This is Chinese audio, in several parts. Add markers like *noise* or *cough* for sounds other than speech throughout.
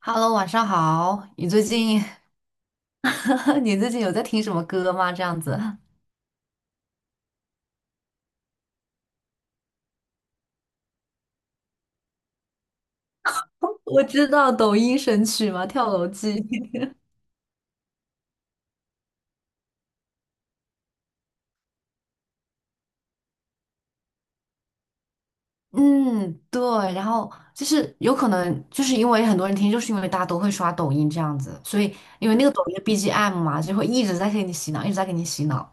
Hello,晚上好。你最近，*laughs* 你最近有在听什么歌吗？这样子，*laughs* 我知道抖音神曲嘛，《跳楼机》*laughs* 嗯，对。然后就是有可能，就是因为很多人听，就是因为大家都会刷抖音这样子，所以因为那个抖音的 BGM 嘛，就会一直在给你洗脑，一直在给你洗脑。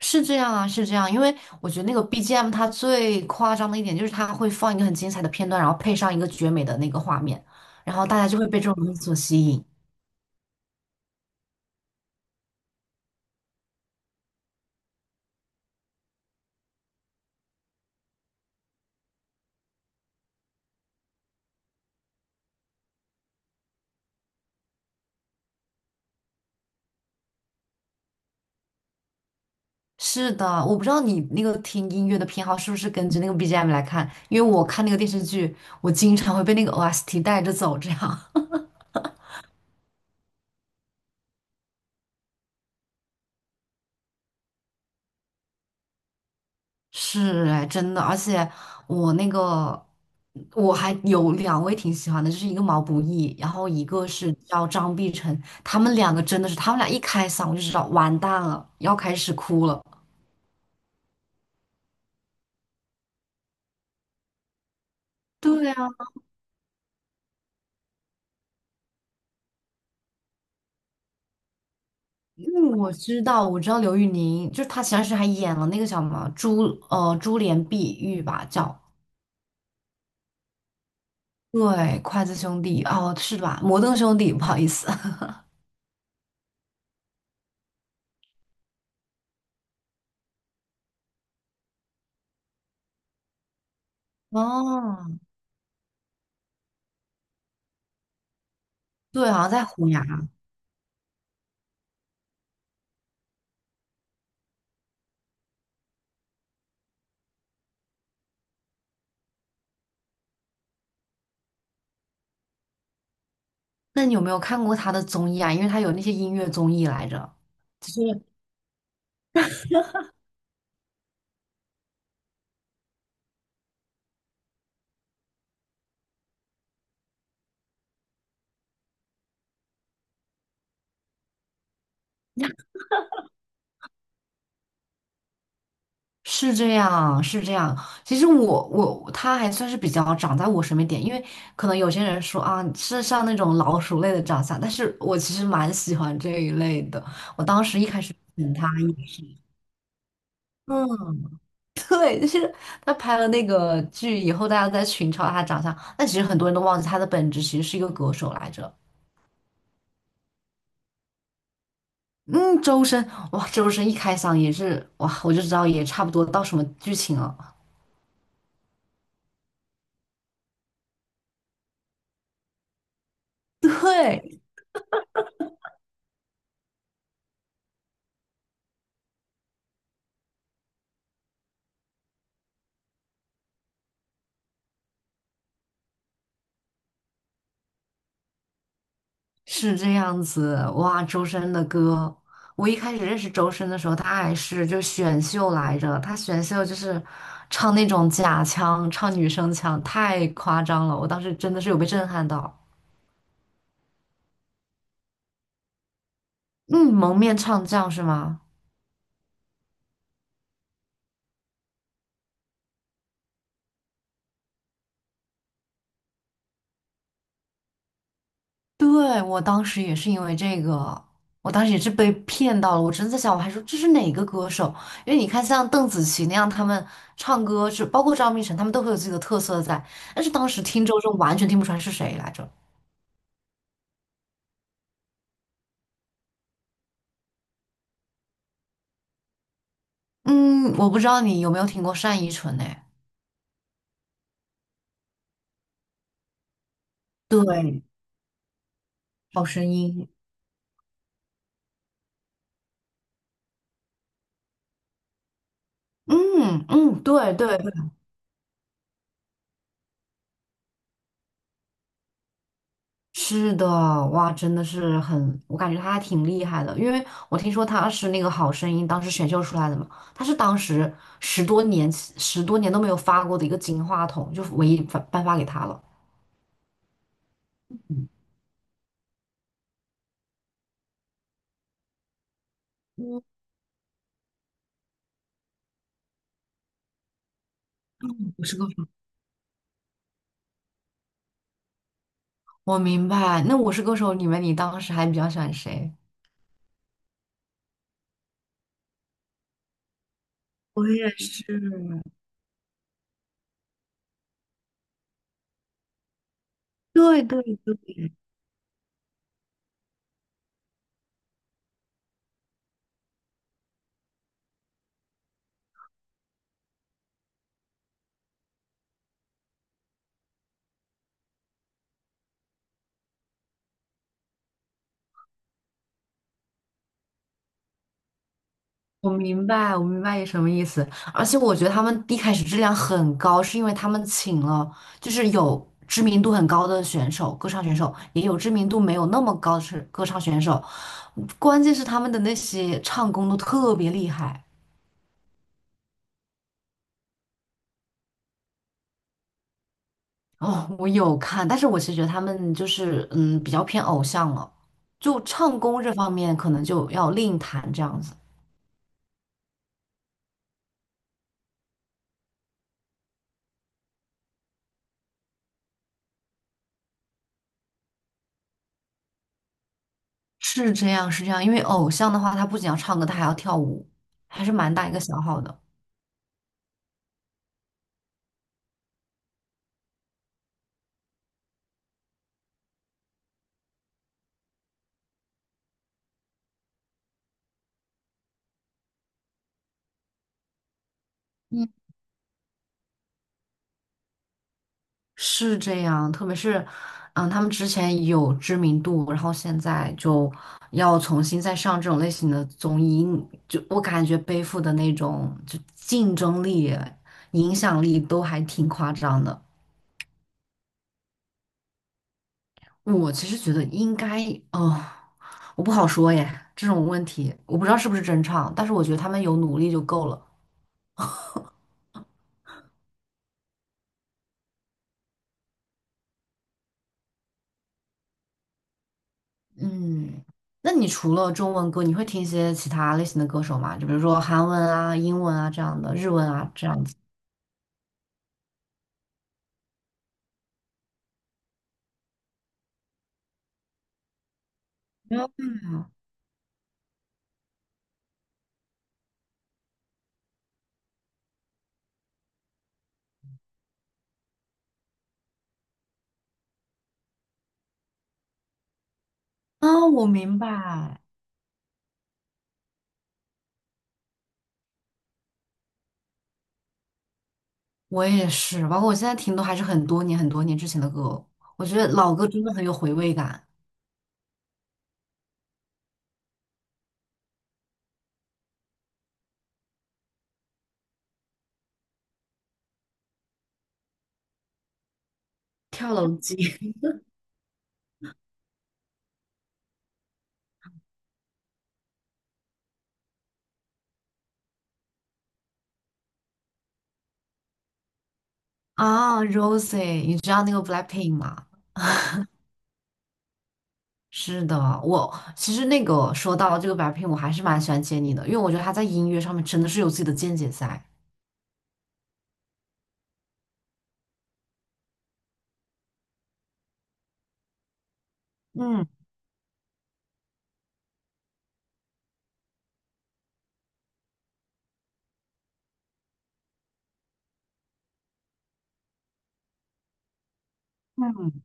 是这样啊，是这样。因为我觉得那个 BGM 它最夸张的一点就是它会放一个很精彩的片段，然后配上一个绝美的那个画面，然后大家就会被这种东西所吸引。是的，我不知道你那个听音乐的偏好是不是根据那个 BGM 来看，因为我看那个电视剧，我经常会被那个 OST 带着走，这样 *laughs* 是哎，真的，而且我那个我还有两位挺喜欢的，就是一个毛不易，然后一个是叫张碧晨，他们两个真的是，他们俩一开嗓我就知道完蛋了，要开始哭了。对啊，因为我知道，我知道刘宇宁，就是她前段时间还演了那个叫什么《珠帘碧玉》吧，叫对，筷子兄弟哦，是吧？摩登兄弟，不好意思。*laughs* 哦，对，好像在虎牙。那你有没有看过他的综艺啊？因为他有那些音乐综艺来着。其实是这样，是这样。其实我他还算是比较长在我审美点，因为可能有些人说啊是像那种老鼠类的长相，但是我其实蛮喜欢这一类的。我当时一开始选他也是。*laughs* 对，就是他拍了那个剧以后，大家都在群嘲他长相，但其实很多人都忘记他的本质其实是一个歌手来着。嗯，周深，哇，周深一开嗓也是，哇，我就知道也差不多到什么剧情了。*laughs* 对，是这样子，哇，周深的歌，我一开始认识周深的时候，他还是就选秀来着，他选秀就是唱那种假腔，唱女生腔，太夸张了，我当时真的是有被震撼到。嗯，蒙面唱将是吗？对，我当时也是因为这个，我当时也是被骗到了。我真的在想，我还说这是哪个歌手？因为你看，像邓紫棋那样，他们唱歌是包括张碧晨，他们都会有自己的特色在。但是当时听周深完全听不出来是谁来着。嗯，我不知道你有没有听过单依纯诶。对，好声音。嗯嗯，对对，是的，哇，真的是很，我感觉他还挺厉害的，因为我听说他是那个《好声音》当时选秀出来的嘛，他是当时十多年十多年都没有发过的一个金话筒，就唯一发颁发给他了。嗯，嗯我是歌手，我明白。那《我是歌手》里面，你当时还比较喜欢谁？我也是，对对对，我明白，我明白你什么意思。而且我觉得他们一开始质量很高，是因为他们请了就是有知名度很高的选手，歌唱选手，也有知名度没有那么高的是歌唱选手。关键是他们的那些唱功都特别厉害。哦，我有看，但是我其实觉得他们就是嗯比较偏偶像了，就唱功这方面可能就要另谈这样子。是这样，是这样，因为偶像的话，他不仅要唱歌，他还要跳舞，还是蛮大一个消耗的。是这样，特别是，嗯，他们之前有知名度，然后现在就要重新再上这种类型的综艺，嗯就我感觉背负的那种就竞争力、影响力都还挺夸张的。我其实觉得应该，哦，我不好说耶，这种问题我不知道是不是真唱，但是我觉得他们有努力就够了。嗯，那你除了中文歌，你会听一些其他类型的歌手吗？就比如说韩文啊、英文啊这样的，日文啊这样子。啊，我明白，我也是，包括我现在听都还是很多年很多年之前的歌，我觉得老歌真的很有回味感。跳楼机 *laughs*。啊，Rosie,你知道那个 Blackpink 吗？是的，我其实那个说到这个 Blackpink,我还是蛮喜欢杰尼的，因为我觉得他在音乐上面真的是有自己的见解在。嗯嗯，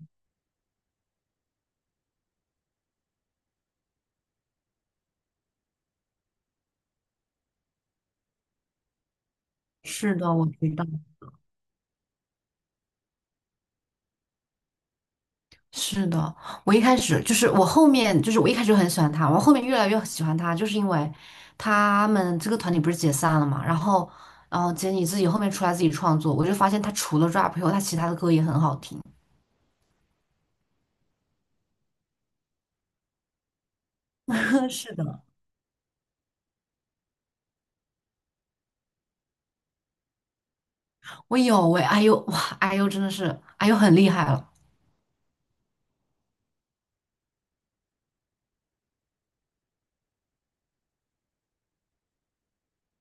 是的，我知道。是的，我一开始就是我后面就是我一开始就很喜欢他，我后面越来越喜欢他，就是因为他们这个团体不是解散了嘛，然后杰尼自己后面出来自己创作，我就发现他除了 rap 以后，他其他的歌也很好听。*laughs* 是的，我有喂哎呦哇哎呦真的是哎呦很厉害了，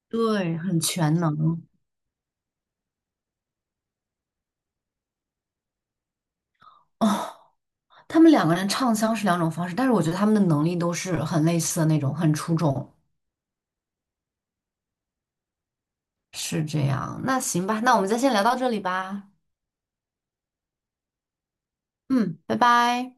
对，很全能。哦，他们两个人唱腔是两种方式，但是我觉得他们的能力都是很类似的那种，很出众。是这样，那行吧，那我们就先聊到这里吧。嗯，拜拜。